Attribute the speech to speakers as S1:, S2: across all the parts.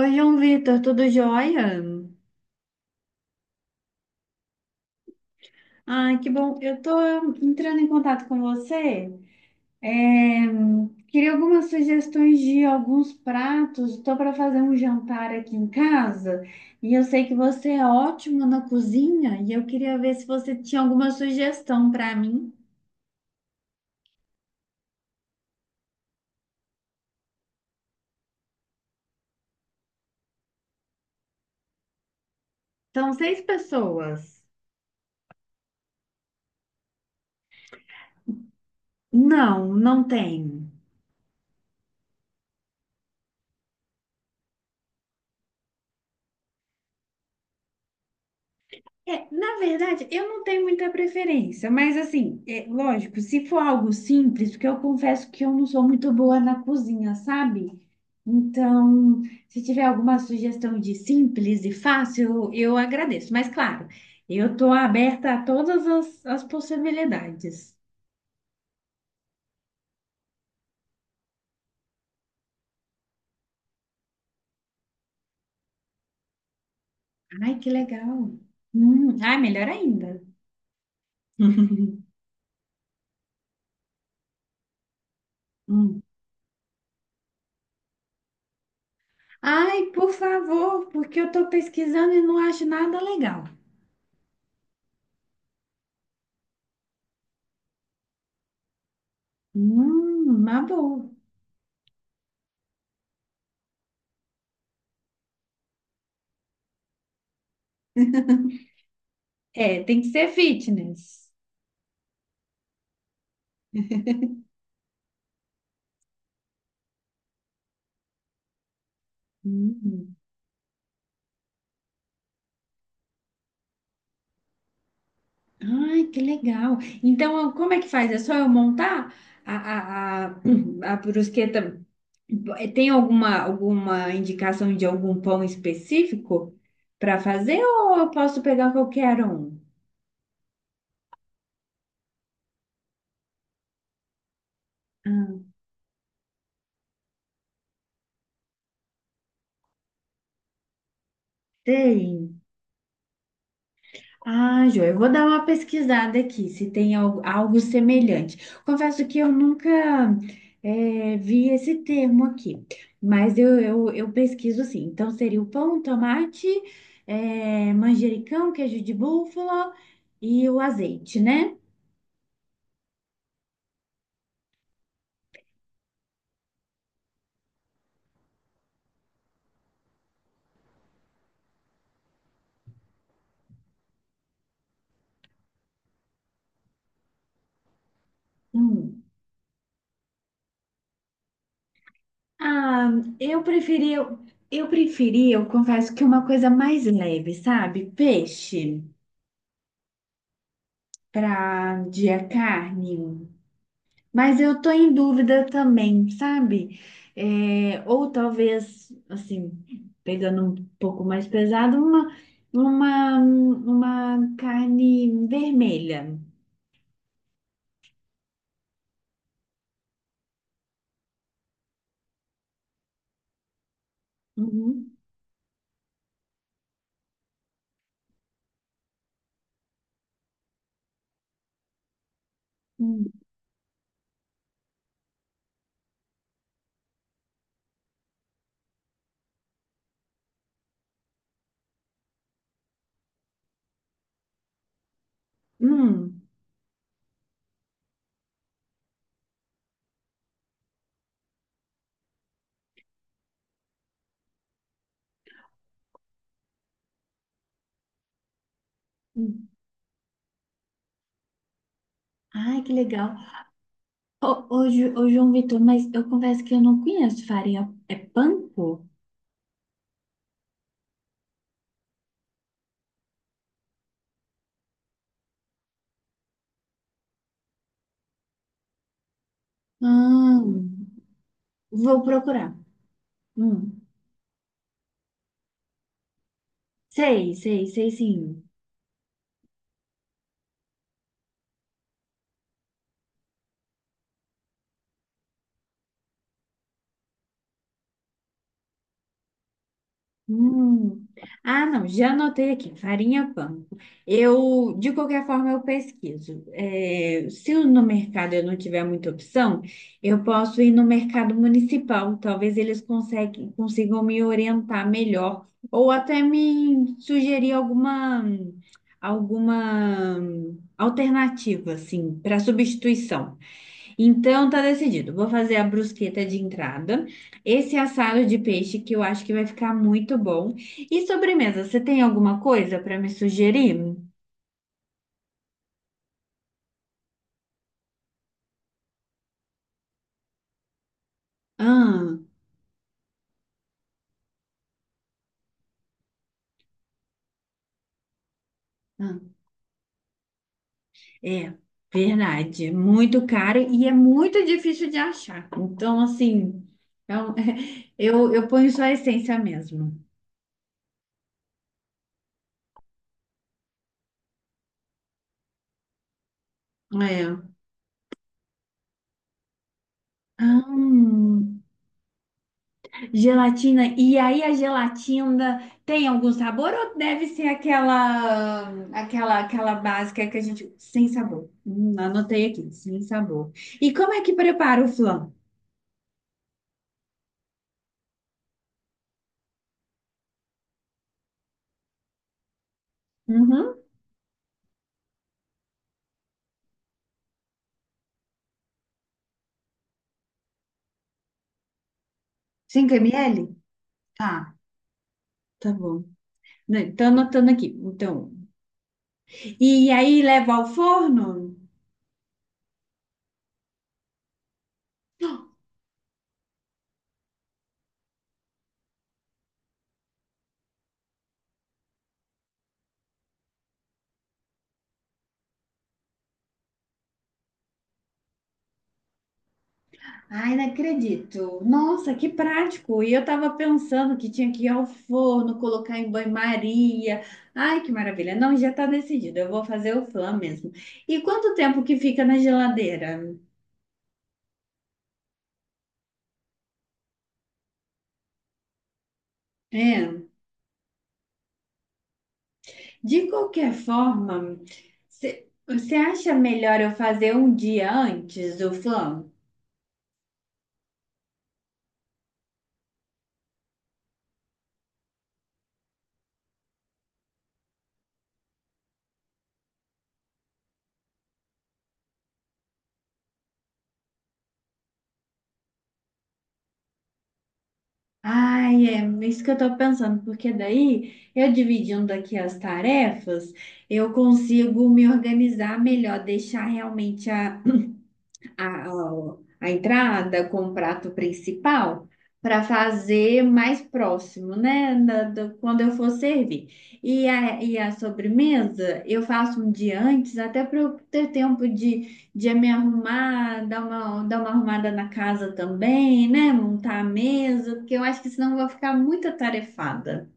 S1: Oi, João Vitor, tudo jóia? Ai, que bom. Eu tô entrando em contato com você. É, queria algumas sugestões de alguns pratos. Estou para fazer um jantar aqui em casa e eu sei que você é ótimo na cozinha e eu queria ver se você tinha alguma sugestão para mim. São seis pessoas. Não, não tem. É, na verdade, eu não tenho muita preferência, mas assim, é, lógico, se for algo simples, porque eu confesso que eu não sou muito boa na cozinha, sabe? Então, se tiver alguma sugestão de simples e fácil, eu agradeço. Mas claro, eu estou aberta a todas as possibilidades. Ai, que legal. Ai, melhor ainda. Hum. Ai, por favor, porque eu estou pesquisando e não acho nada legal. Uma boa. É, tem que ser fitness. Uhum. Ai, que legal. Então, como é que faz? É só eu montar a, a, a, a brusqueta? Tem alguma indicação de algum pão específico para fazer ou eu posso pegar qualquer um? Ah, tem. Ah, Jô, eu vou dar uma pesquisada aqui, se tem algo, semelhante. Confesso que eu nunca vi esse termo aqui, mas eu pesquiso sim. Então, seria o pão, tomate, manjericão, queijo de búfala e o azeite, né? Hum. Ah, eu preferi, eu confesso que uma coisa mais leve, sabe? Peixe para dia carne. Mas eu tô em dúvida também, sabe? É, ou talvez, assim, pegando um pouco mais pesado, uma carne vermelha. Uhum. Hum. Hum. Hum. Ai, que legal. Ô, ô, João Vitor, mas eu confesso que eu não conheço farinha. É panko? Ah, vou procurar. Hum. Sei, sei, sei sim. Hum. Ah, não, já anotei aqui, farinha panko. Eu, de qualquer forma, eu pesquiso. É, se no mercado eu não tiver muita opção, eu posso ir no mercado municipal. Talvez eles conseguem, consigam me orientar melhor, ou até me sugerir alguma alternativa, assim, para substituição. Então tá decidido. Vou fazer a brusqueta de entrada, esse assado de peixe que eu acho que vai ficar muito bom. E sobremesa, você tem alguma coisa para me sugerir? Ah, ah, é verdade, é muito caro e é muito difícil de achar. Então assim, é um- eu ponho só a essência mesmo. É. Ah, gelatina. E aí a gelatina tem algum sabor ou deve ser aquela básica que a gente sem sabor? Anotei aqui, sem sabor. E como é que prepara o flan? Uhum. 5 ml? Tá, tá bom. Não, tô anotando aqui. Então, e aí leva ao forno? Ai, não acredito. Nossa, que prático. E eu tava pensando que tinha que ir ao forno, colocar em banho-maria. Ai, que maravilha. Não, já tá decidido. Eu vou fazer o flan mesmo. E quanto tempo que fica na geladeira? É, de qualquer forma, você acha melhor eu fazer um dia antes do flan? Ai, é isso que eu tô pensando, porque daí eu dividindo aqui as tarefas, eu consigo me organizar melhor, deixar realmente a entrada com o prato principal para fazer mais próximo, né? Quando eu for servir. E a, sobremesa eu faço um dia antes, até para eu ter tempo de me arrumar, dar uma arrumada na casa também, né? Montar a mesa, porque eu acho que senão eu vou ficar muito atarefada.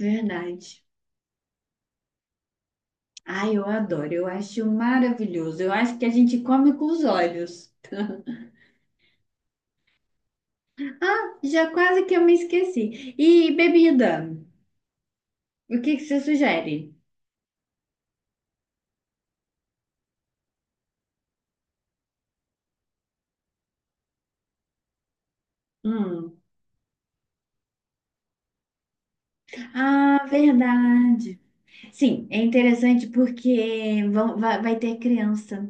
S1: Verdade. Ai, eu adoro, eu acho maravilhoso. Eu acho que a gente come com os olhos. Ah, já quase que eu me esqueci. E bebida? O que que você sugere? Hum. Ah, verdade. Sim, é interessante porque vai ter criança.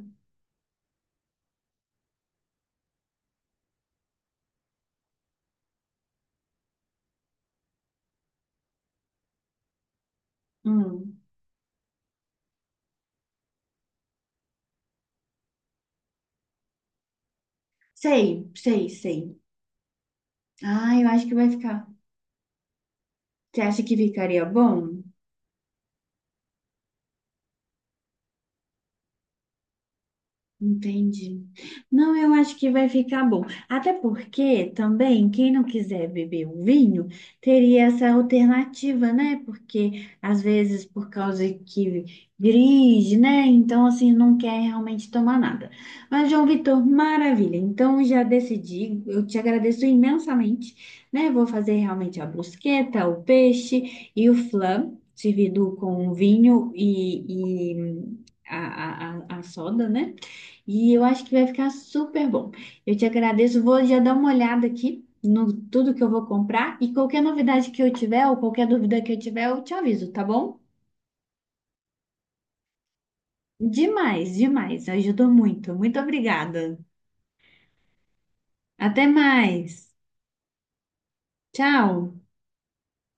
S1: Hum. Sei, sei, sei. Ah, eu acho que vai ficar. Você acha que ficaria bom? Entendi. Não, eu acho que vai ficar bom. Até porque também, quem não quiser beber o vinho, teria essa alternativa, né? Porque às vezes, por causa que dirige, né? Então, assim, não quer realmente tomar nada. Mas, João Vitor, maravilha. Então, já decidi. Eu te agradeço imensamente, né? Vou fazer realmente a brusqueta, o peixe e o flan, servido com vinho e a a soda, né? E eu acho que vai ficar super bom. Eu te agradeço. Vou já dar uma olhada aqui no tudo que eu vou comprar. E qualquer novidade que eu tiver, ou qualquer dúvida que eu tiver, eu te aviso, tá bom? Demais, demais. Ajudou muito. Muito obrigada. Até mais. Tchau.